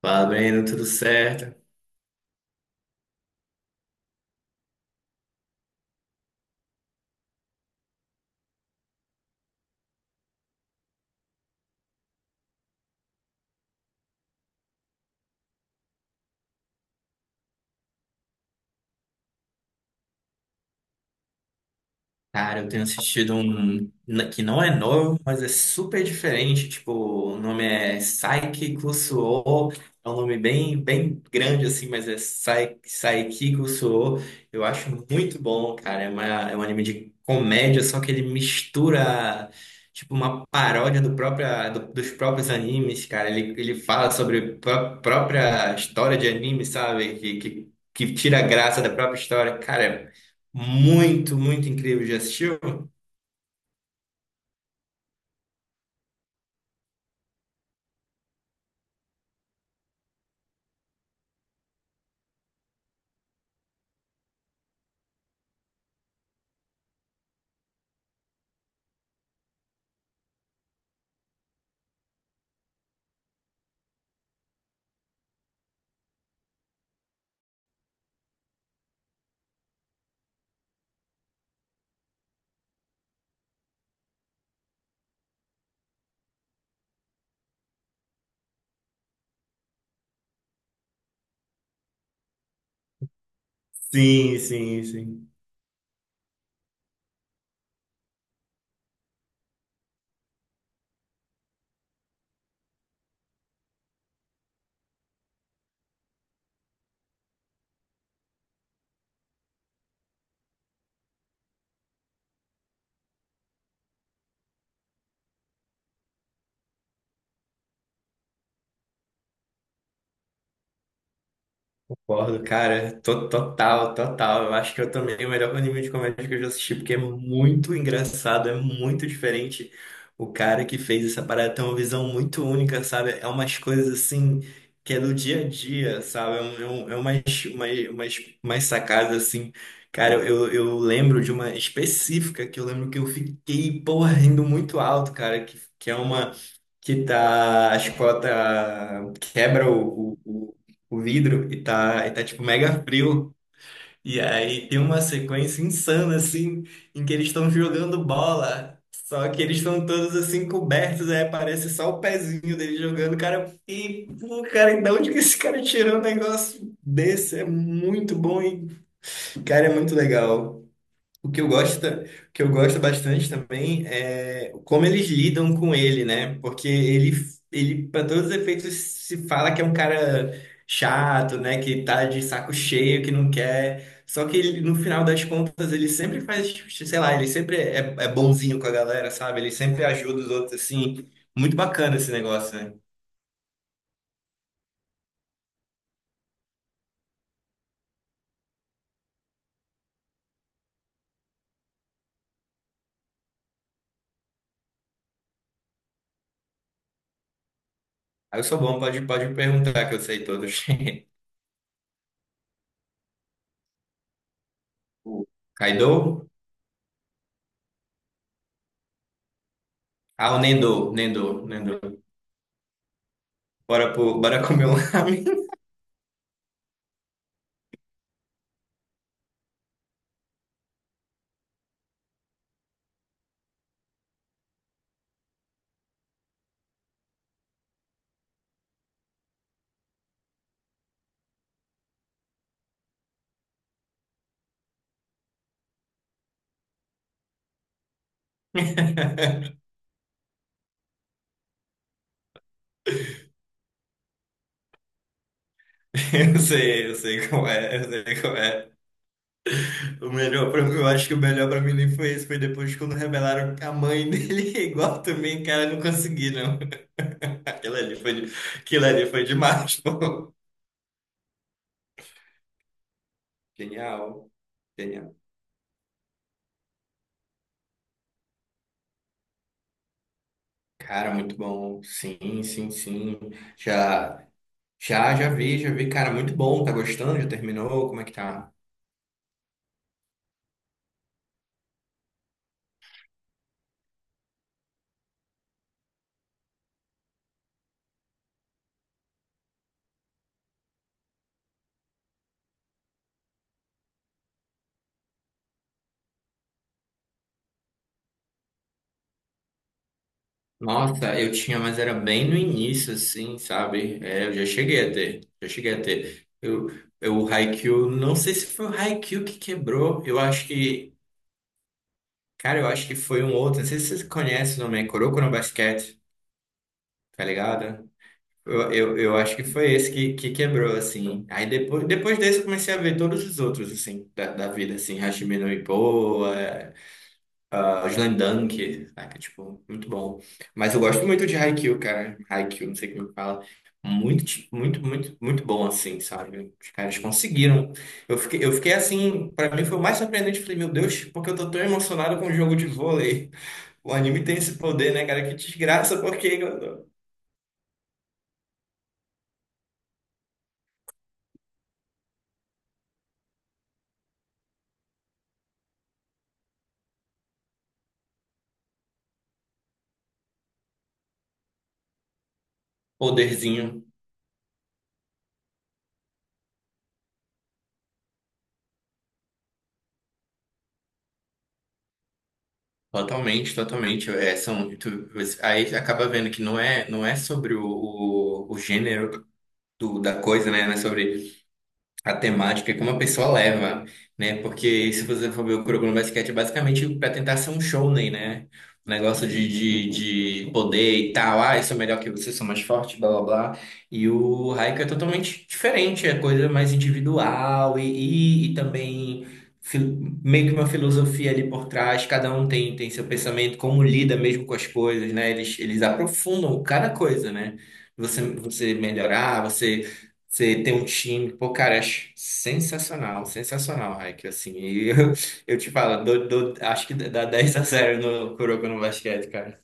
Fala, Breno, tudo certo? Cara, eu tenho assistido um que não é novo, mas é super diferente. Tipo, o nome é Saiki Kusuo. É um nome bem, bem grande, assim, mas é Saiki Kusuo. Eu acho muito bom, cara. É um anime de comédia, só que ele mistura, tipo, uma paródia dos próprios animes, cara. Ele fala sobre a própria história de anime, sabe? Que tira a graça da própria história. Cara, muito, muito incrível. Já assistiu? Sim, sim, sim. Concordo, cara. Total, total. Eu acho que eu também o melhor anime de comédia que eu já assisti, porque é muito engraçado, é muito diferente. O cara que fez essa parada tem uma visão muito única, sabe? É umas coisas assim que é do dia a dia, sabe? Umas sacadas assim. Cara, eu lembro de uma específica que eu lembro que eu fiquei, porra, rindo muito alto, cara, que é uma. Que tá, a escola tá, quebra o vidro e tá tipo mega frio. E aí tem uma sequência insana assim, em que eles estão jogando bola. Só que eles estão todos assim cobertos, aí aparece só o pezinho dele jogando, cara. E, pô, cara, de onde que esse cara tirou um negócio desse? É muito bom e, cara, é muito legal. O que eu gosto, o que eu gosto bastante também é como eles lidam com ele, né? Porque ele para todos os efeitos, se fala que é um cara chato, né? Que tá de saco cheio, que não quer. Só que ele, no final das contas, ele sempre faz, tipo, sei lá, ele sempre é bonzinho com a galera, sabe? Ele sempre ajuda os outros, assim. Muito bacana esse negócio, né? Aí eu sou bom, pode, pode me perguntar que eu sei todos. O Kaido? Ah, o Nendo, Nendo, Nendo. Bora, pro, bora comer um ramen. Eu sei como é, eu sei como é. O melhor pra mim, eu acho que o melhor pra mim nem foi esse, foi depois quando revelaram que a mãe dele é igual também, cara, eu não consegui, não. Aquilo ali foi, de- Aquilo ali foi demais, pô. Genial, genial. Cara, muito bom. Sim, sim, sim. Já, já, já vi, já vi. Cara, muito bom. Tá gostando? Já terminou? Como é que tá? Nossa, eu tinha, mas era bem no início, assim, sabe? É, eu já cheguei a ter, já cheguei a ter. O Haikyuu, não sei se foi o Haikyuu que quebrou, eu acho que, cara, eu acho que foi um outro, não sei se vocês conhecem o nome, é Kuroko no Basket, tá ligado? Eu acho que foi esse que quebrou, assim. Aí depois, depois desse eu comecei a ver todos os outros, assim, da vida, assim, Hajime no Ippo, ah, Slam Dunk, saca? Tipo, muito bom. Mas eu gosto muito de Haikyuu, cara. Haikyuu, não sei como é que fala. Muito, muito, muito, muito bom, assim, sabe? Os caras conseguiram. Eu fiquei assim, pra mim foi o mais surpreendente. Falei, meu Deus, porque eu tô tão emocionado com o jogo de vôlei? O anime tem esse poder, né, cara? Que desgraça, porque poderzinho. Totalmente, totalmente. É, são, aí acaba vendo que não é, não é sobre o gênero da coisa, né? Não é sobre a temática que uma pessoa leva, né? Porque se você for ver o Kuroko no Basket, é basicamente para tentar ser um shounen, né? Um negócio de poder e tal. Ah, eu sou melhor que você, sou mais forte, blá blá blá. E o Haikyuu é totalmente diferente, é coisa mais individual e também meio que uma filosofia ali por trás. Cada um tem, tem seu pensamento, como lida mesmo com as coisas, né? Eles aprofundam cada coisa, né? Você melhorar, você você tem um time, pô, cara, é sensacional, sensacional, Raik, assim, e eu te falo, acho que dá 10 a 0 no Kuroko no basquete, cara,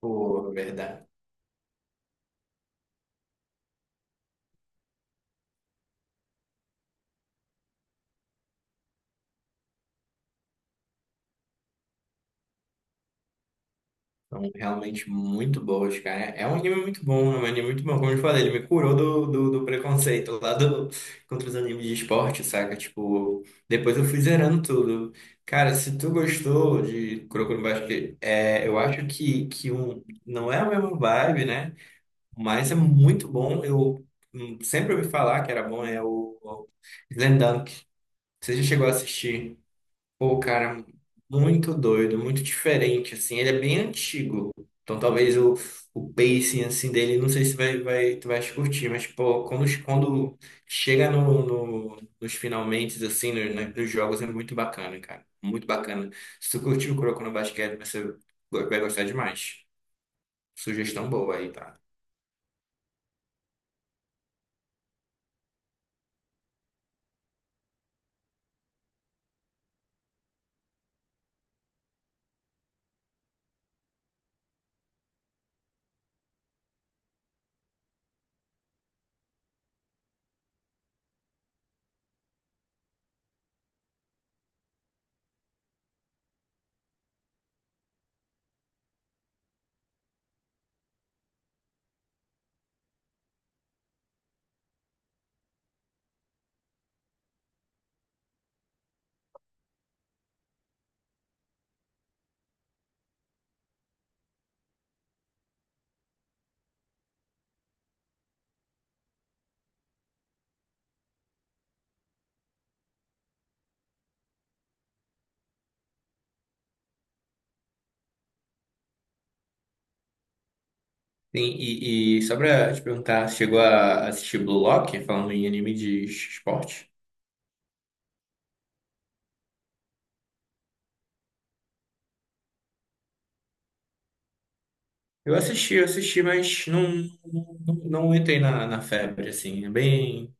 pô, verdade, são realmente muito boas, cara, é é um anime muito bom, é um anime muito bom, como eu te falei, ele me curou do preconceito lá do, contra os animes de esporte, saca, tipo, depois eu fui zerando tudo, cara, se tu gostou de Kuroko no basquete, é, eu acho que um, não é a mesma vibe, né, mas é muito bom. Eu sempre ouvi falar que era bom, é o Slam Dunk. Você já chegou a assistir? Pô, cara, muito doido, muito diferente, assim. Ele é bem antigo. Então talvez o pacing, assim, dele, não sei se vai, vai, tu vai curtir, mas, pô, quando, quando chega no, nos finalmente, assim, né, nos jogos, é muito bacana, cara. Muito bacana. Se tu curtiu o Kuroko no Basquete, você vai gostar demais. Sugestão boa aí, tá? Sim, e só pra te perguntar, você chegou a assistir Blue Lock, falando em anime de esporte? Eu assisti, mas não entrei na, na febre, assim, é bem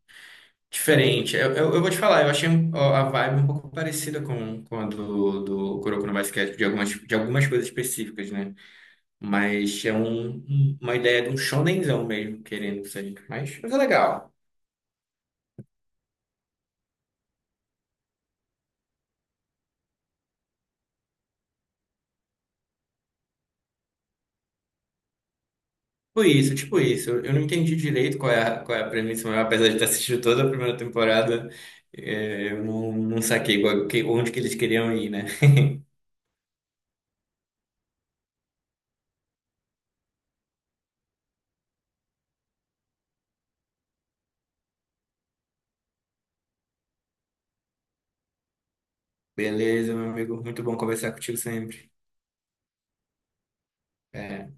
diferente. Eu vou te falar, eu achei a vibe um pouco parecida com a do, do Kuroko no Basket, de algumas coisas específicas, né? Mas é um, uma ideia de um shonenzão mesmo, querendo ser, mas é legal. Tipo isso, tipo isso. Eu não entendi direito qual é a premissa, mas apesar de ter assistido toda a primeira temporada, é, eu não, não saquei onde que eles queriam ir, né? Beleza, meu amigo. Muito bom conversar contigo sempre. É,